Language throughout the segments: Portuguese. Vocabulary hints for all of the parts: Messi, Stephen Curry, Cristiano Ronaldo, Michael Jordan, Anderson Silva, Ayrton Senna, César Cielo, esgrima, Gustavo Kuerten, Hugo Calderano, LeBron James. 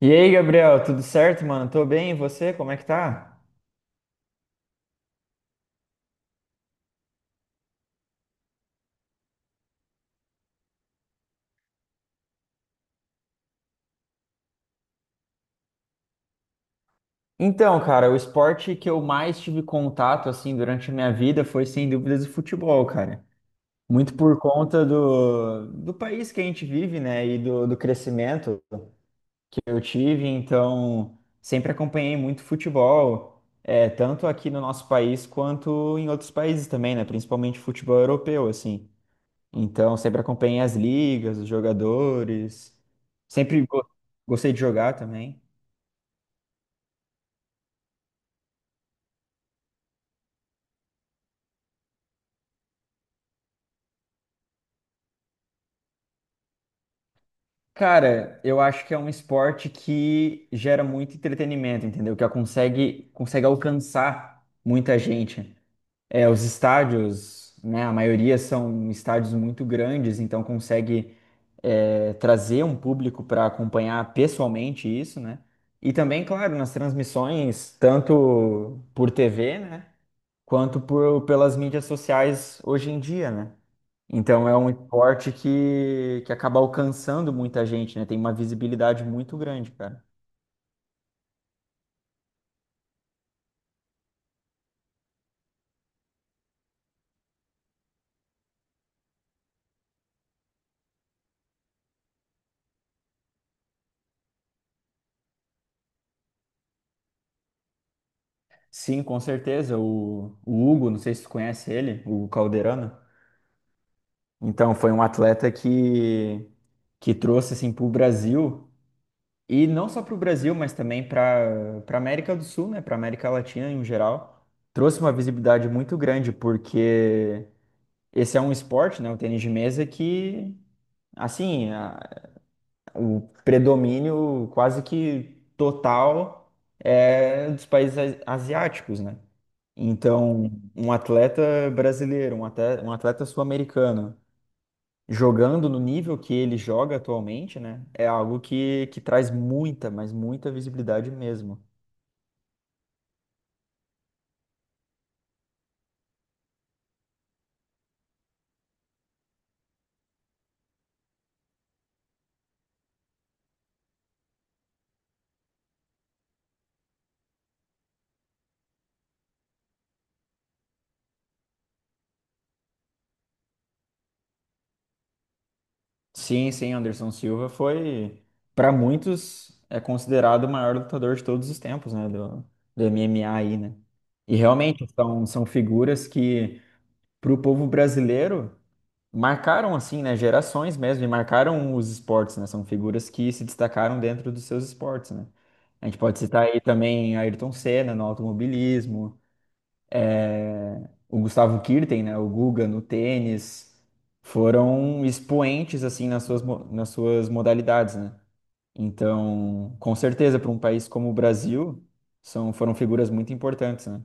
E aí, Gabriel, tudo certo, mano? Tô bem, e você? Como é que tá? Então, cara, o esporte que eu mais tive contato, assim, durante a minha vida foi, sem dúvidas, o futebol, cara. Muito por conta do país que a gente vive, né, e do crescimento que eu tive, então sempre acompanhei muito futebol, tanto aqui no nosso país quanto em outros países também, né, principalmente futebol europeu, assim. Então, sempre acompanhei as ligas, os jogadores. Sempre go- gostei de jogar também. Cara, eu acho que é um esporte que gera muito entretenimento, entendeu? Que consegue alcançar muita gente. É, os estádios, né? A maioria são estádios muito grandes, então consegue trazer um público para acompanhar pessoalmente isso, né? E também, claro, nas transmissões, tanto por TV, né? Quanto pelas mídias sociais hoje em dia, né? Então é um esporte que acaba alcançando muita gente, né? Tem uma visibilidade muito grande, cara. Sim, com certeza. O Hugo, não sei se tu conhece ele, o Hugo Calderano. Então foi um atleta que trouxe assim para o Brasil, e não só para o Brasil, mas também para América do Sul, né? Para América Latina em geral, trouxe uma visibilidade muito grande porque esse é um esporte, né? O tênis de mesa que Assim, a- o predomínio quase que total é dos países asiáticos, né? Então, um atleta brasileiro, um atleta sul-americano, jogando no nível que ele joga atualmente, né? É algo que traz muita, mas muita visibilidade mesmo. Sim, sim, Anderson Silva foi, para muitos, é considerado o maior lutador de todos os tempos, né? Do MMA aí, né? E realmente são figuras que, para o povo brasileiro, marcaram assim, né, gerações mesmo, e marcaram os esportes, né? São figuras que se destacaram dentro dos seus esportes, né? A gente pode citar aí também Ayrton Senna no automobilismo, o Gustavo Kuerten, né, o Guga no tênis, foram expoentes assim nas suas modalidades, né? Então, com certeza, para um país como o Brasil, foram figuras muito importantes, né?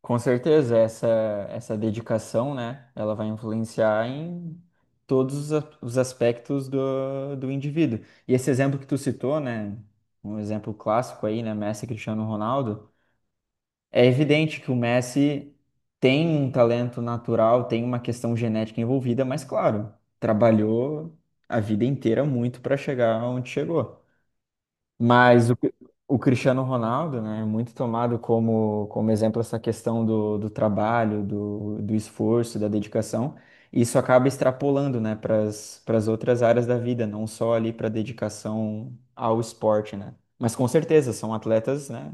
Com certeza, essa dedicação, né, ela vai influenciar em todos os os aspectos do indivíduo. E esse exemplo que tu citou, né, um exemplo clássico aí, né, Messi e Cristiano Ronaldo, é evidente que o Messi tem um talento natural, tem uma questão genética envolvida, mas claro, trabalhou a vida inteira muito para chegar onde chegou. Mas o, Cri- o Cristiano Ronaldo, né, é muito tomado como exemplo essa questão do trabalho, do esforço, da dedicação. E isso acaba extrapolando, né, para as outras áreas da vida, não só ali para dedicação ao esporte, né? Mas com certeza são atletas, né,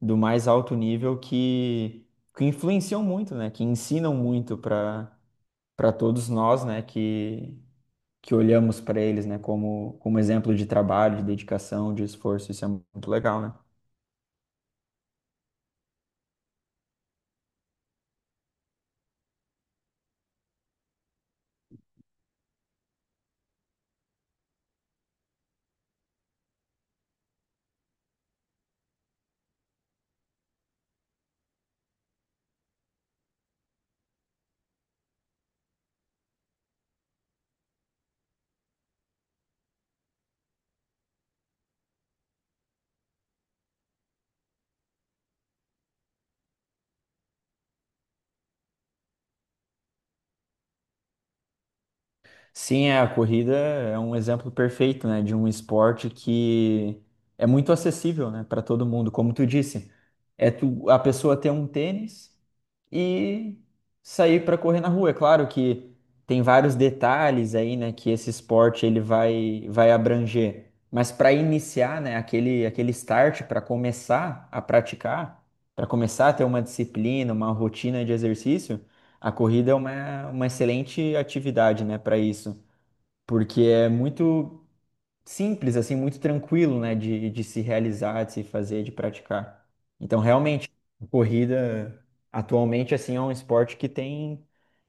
do mais alto nível que influenciam muito, né, que ensinam muito para todos nós, né, que olhamos para eles, né, como exemplo de trabalho, de dedicação, de esforço. Isso é muito legal, né? Sim, é, a corrida é um exemplo perfeito, né, de um esporte que é muito acessível, né, para todo mundo, como tu disse. É tu, a pessoa ter um tênis e sair para correr na rua. É claro que tem vários detalhes aí, né, que esse esporte ele vai abranger. Mas para iniciar, né, aquele start para começar a praticar, para começar a ter uma disciplina, uma rotina de exercício, a corrida é uma excelente atividade, né, para isso, porque é muito simples, assim, muito tranquilo, né, de se realizar, de se fazer, de praticar. Então, realmente, a corrida atualmente, assim, é um esporte que tem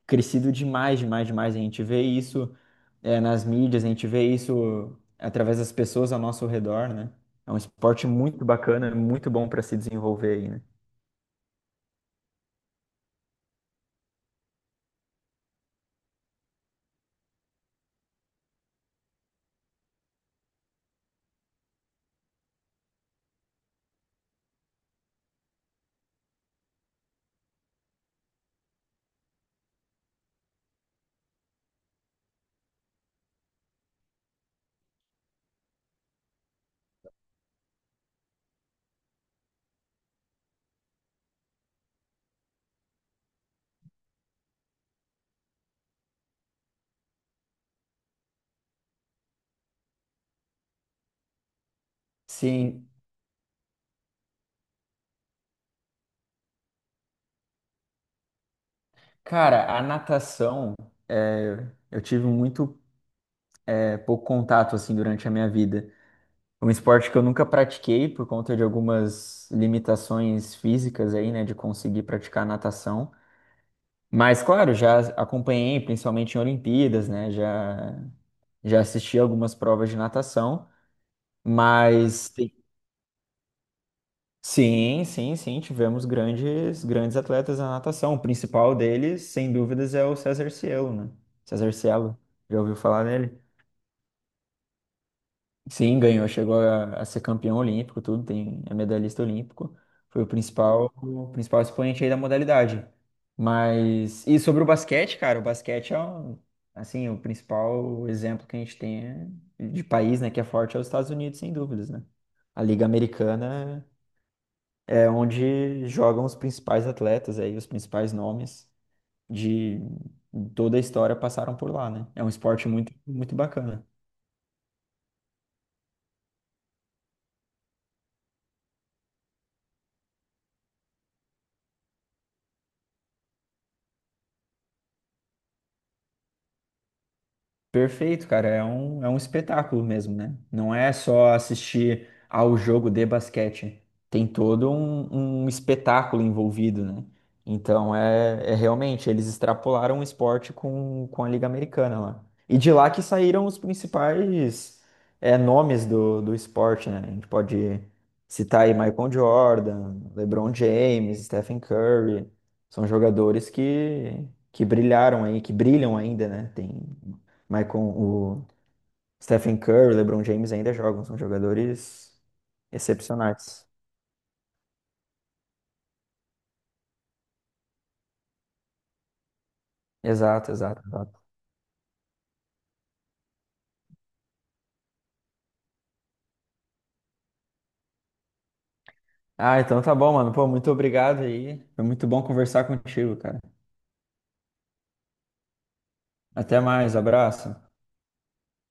crescido demais, demais, demais. A gente vê isso, nas mídias, a gente vê isso através das pessoas ao nosso redor, né? É um esporte muito bacana, muito bom para se desenvolver aí, né? Sim, cara, a natação, eh, eu tive muito, eh, pouco contato, assim, durante a minha vida. Um esporte que eu nunca pratiquei por conta de algumas limitações físicas aí, né, de conseguir praticar natação. Mas, claro, já acompanhei, principalmente em Olimpíadas, já assisti algumas provas de natação, mas tem- sim, sim, sim, tivemos grandes, grandes atletas na natação. O principal deles, sem dúvidas, é o César Cielo, né? César Cielo, já ouviu falar dele? Sim, ganhou, chegou a ser campeão olímpico, tudo, tem, é medalhista olímpico. Foi o principal expoente aí da modalidade. Mas, e sobre o basquete, cara, o basquete é, um- assim, o principal exemplo que a gente tem de país, né, que é forte é os Estados Unidos, sem dúvidas, né? A Liga Americana é onde jogam os principais atletas aí, os principais nomes de toda a história passaram por lá, né? É um esporte muito, muito bacana. Perfeito, cara. É um espetáculo mesmo, né? Não é só assistir ao jogo de basquete. Tem todo um espetáculo envolvido, né? Então, é, é realmente, eles extrapolaram o esporte com a Liga Americana lá. E de lá que saíram os principais nomes do esporte, né? A gente pode citar aí Michael Jordan, LeBron James, Stephen Curry. São jogadores que brilharam aí, que brilham ainda, né? Tem mas com o Stephen Curry, o LeBron James ainda jogam, são jogadores excepcionais. Exato, exato, exato. Ah, então tá bom, mano. Pô, muito obrigado aí. Foi muito bom conversar contigo, cara. Até mais, abraço.